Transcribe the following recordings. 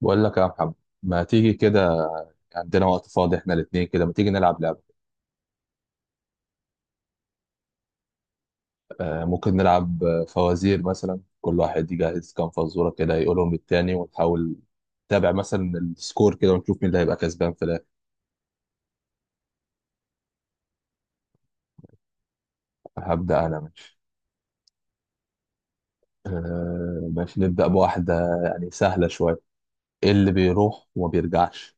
بقول لك يا محمد، ما تيجي كده؟ عندنا وقت فاضي احنا الاثنين، كده ما تيجي نلعب لعبة؟ ممكن نلعب فوازير مثلا، كل واحد يجهز كام فزورة كده يقولهم للتاني ونحاول نتابع مثلا السكور كده ونشوف مين اللي هيبقى كسبان في الاخر. هبدأ انا. ماشي. ماشي نبدأ بواحدة يعني سهلة شوية. ايه اللي بيروح وما بيرجعش؟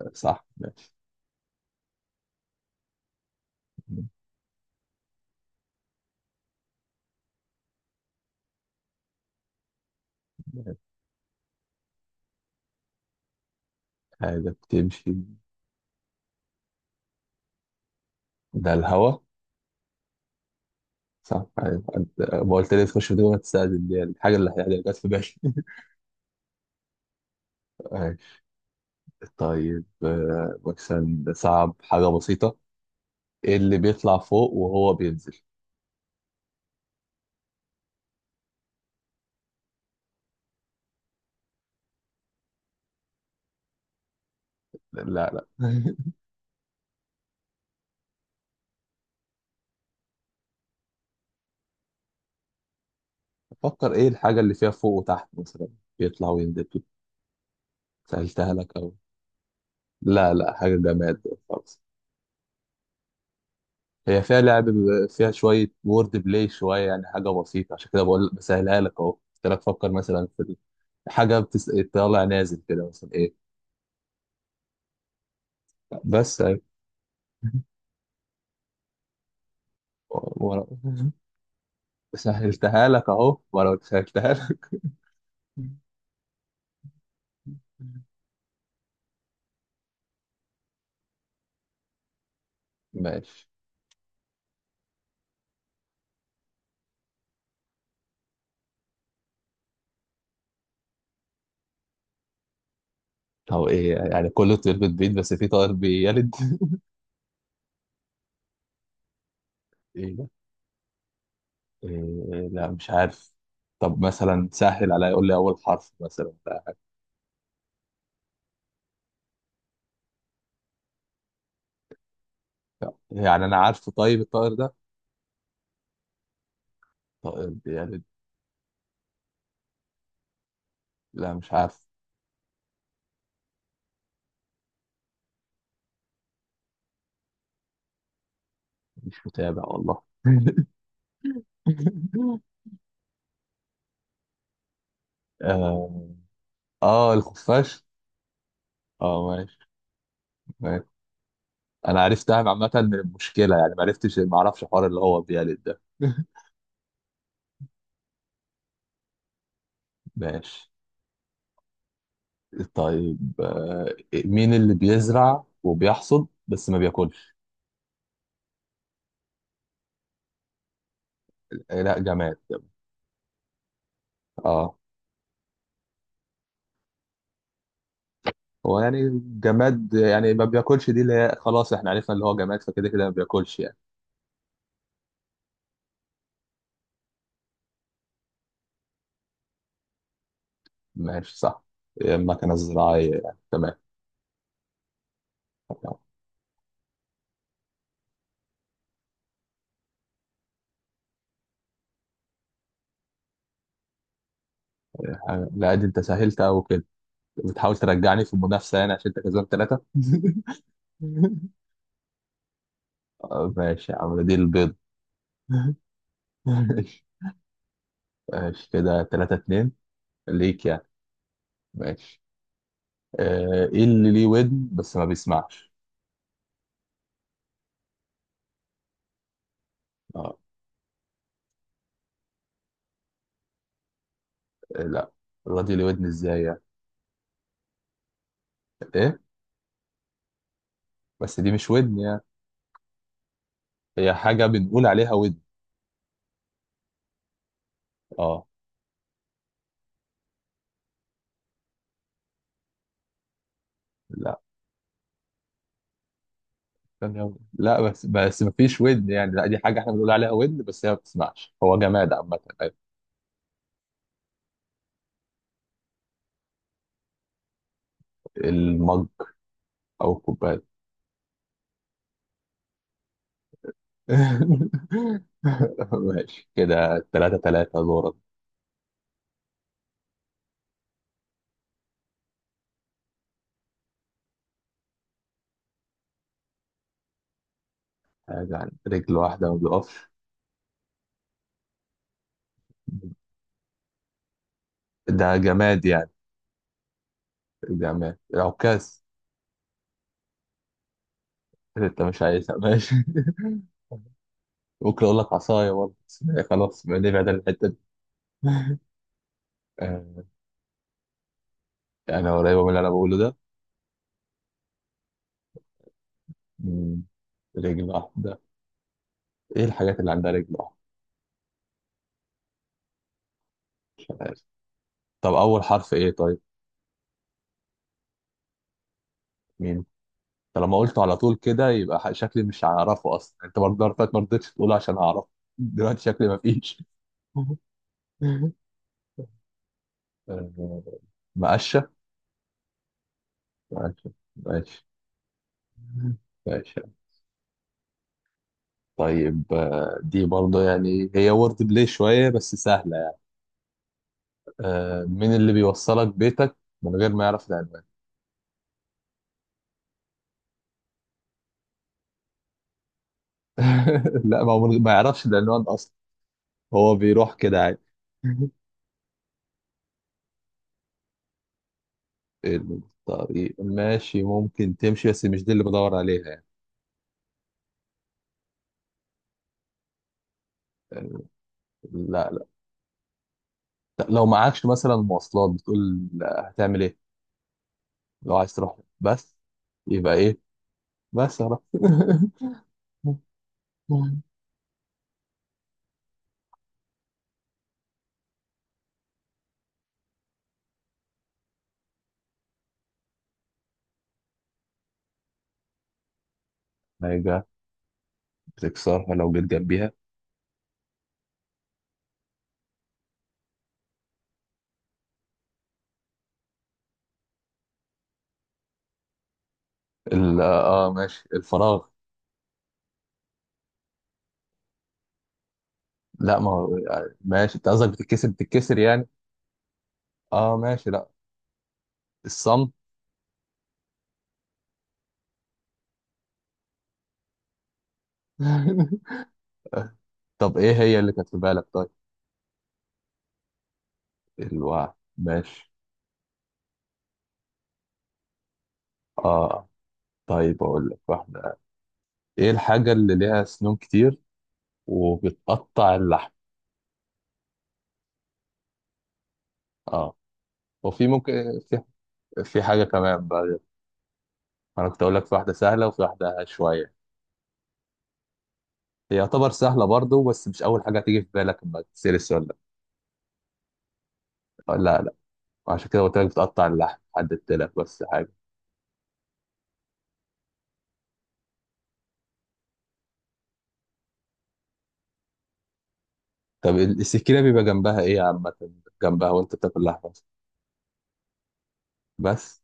صح ماشي. حاجة بتمشي. ده الهوا. صح أيوة. ما قلت لي تخش في دي ما تستاذن، دي الحاجة اللي جت في بالي. طيب، مثلا صعب حاجة بسيطة. ايه اللي بيطلع فوق وهو بينزل؟ لا، لا. فكر، ايه الحاجة اللي فيها فوق وتحت مثلا، بيطلع وينزل كده. سهلتها لك أوي. لا، لا، حاجة جماد خالص. هي فيها فيها شوية وورد بلاي شوية، يعني حاجة بسيطة عشان كده بقول بسهلها لك أهو. قلت لك فكر مثلا في حاجة طالع نازل كده مثلا ايه؟ بس أهي. و- و- سهلتها لك أهو، وأنا قلت سهلتها لك. ماشي. هو ايه يعني، كله طير بتبيض بس في طائر بيلد؟ ايه ده؟ إيه، لا مش عارف. طب مثلا سهل عليا، يقول لي اول حرف مثلا ولا حاجة. لا، يعني انا عارفه. طيب الطائر ده، طائر بيلد؟ لا مش عارف. مش متابع والله. اه. الخفاش. اه ماشي. ماشي. انا عرفتها عامة من المشكلة، يعني ما اعرفش الحوار اللي هو بيلد ده. ماشي. طيب، مين اللي بيزرع وبيحصد بس ما بياكلش؟ لا، جماد. اه. هو يعني جماد يعني ما بياكلش، دي اللي هي خلاص احنا عرفنا اللي هو جماد فكده كده ما بياكلش يعني. ماشي صح، المكنة الزراعية يعني. تمام. لا دي انت سهلت قوي كده. بتحاول ترجعني في المنافسة يعني عشان انت كسبان ثلاثة. ماشي يا عم، دي البيض. ماشي. ماشي كده، 3-2 ليك يعني. ماشي. ايه اللي ليه ودن بس ما بيسمعش؟ اه. لا. الراجل ليه ودن ازاي يعني؟ ايه؟ بس دي مش ودن يعني. هي حاجه بنقول عليها ودن. اه. لا. ثانية، لا، بس ما فيش ودن يعني، لا دي حاجه احنا بنقول عليها ودن بس هي ما بتسمعش، هو جماد عامه أيوة. المج او الكوبايه. ماشي. كده 3-3 دورة. حاجة عن رجل واحدة ما بيقفش. ده جماد يعني؟ جماد، عكاز. انت مش عايزها، ماشي. ممكن اقول لك عصايه برضه بس، خلاص نبعد عن الحته دي. آه، يعني انا قريبه من اللي انا بقوله ده. مم، رجل واحده. ايه الحاجات اللي عندها رجل واحده؟ مش عارف. طب اول حرف ايه طيب؟ مين؟ طالما قلته على طول كده يبقى شكلي مش هعرفه اصلا، انت برضه المرة اللي فاتت ما رضيتش تقوله عشان اعرفه. دلوقتي شكلي ما فيش. آه، مقشه. ماشي. ماشي. ماشي. طيب، دي برضه يعني هي وورد بلاي شويه بس سهله. من اللي بيوصلك بيتك من غير ما يعرف العنوان؟ لا، ما هو ما يعرفش العنوان اصلا، هو بيروح كده عادي. الطريق ماشي ممكن تمشي بس مش دي اللي بدور عليها يعني. آه، لا، لا. لا، لو معكش مثلا مواصلات بتقول لا، هتعمل ايه؟ لو عايز تروح بس، يبقى ايه؟ بس يا رب. حاجة بتكسرها لو جيت جنبيها؟ اه ماشي، الفراغ. لا ما هو، ماشي انت قصدك بتتكسر، بتتكسر يعني. اه ماشي. لا. الصمت. طب ايه هي اللي كانت في بالك طيب؟ الوعي. ماشي. اه. طيب اقول لك واحده. ايه الحاجه اللي ليها سنون كتير وبتقطع اللحم؟ اه. وفي، ممكن، في حاجه كمان بقى. انا كنت اقول لك في واحده سهله وفي واحده شويه، هي يعتبر سهله برضه بس مش اول حاجه تيجي في بالك لما تسال السؤال ده. لا، لا. عشان كده قلت لك بتقطع اللحم، حددت لك بس حاجه. طب السكينه بيبقى جنبها ايه عامه، جنبها وانت بتاكل لحمه بس؟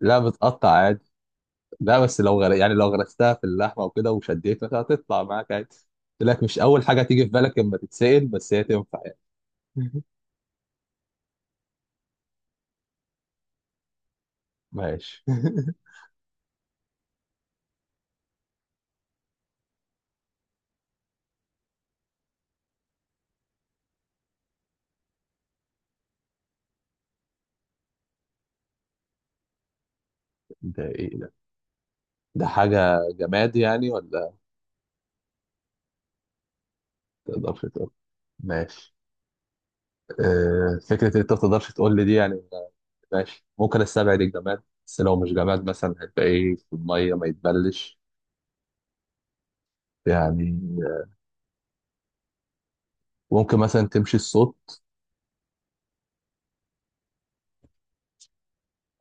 لا بتقطع عادي. لا بس لو يعني لو غرستها في اللحمه وكده وشديت مثلا هتطلع معاك عادي. قلت لك مش اول حاجه تيجي في بالك اما تتسأل، بس هي تنفع يعني. ماشي. ده ايه ده؟ ده حاجه جماد يعني ولا؟ تقدرش تقول؟ ماشي. فكره إن انت ما تقدرش تقول لي دي يعني. ماشي، ممكن استبعد الجماد بس لو مش جماد مثلا هيبقى ايه في الميه ما يتبلش يعني؟ آه، ممكن مثلا تمشي الصوت.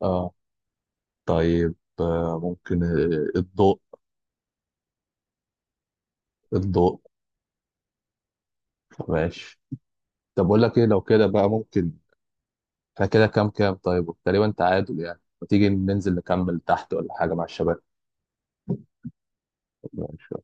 اه. طيب، ممكن الضوء. الضوء. ماشي. طب بقول لك ايه، لو كده بقى ممكن احنا كده كام كام طيب تقريبا تعادل يعني، ما تيجي ننزل نكمل تحت ولا حاجة مع الشباب؟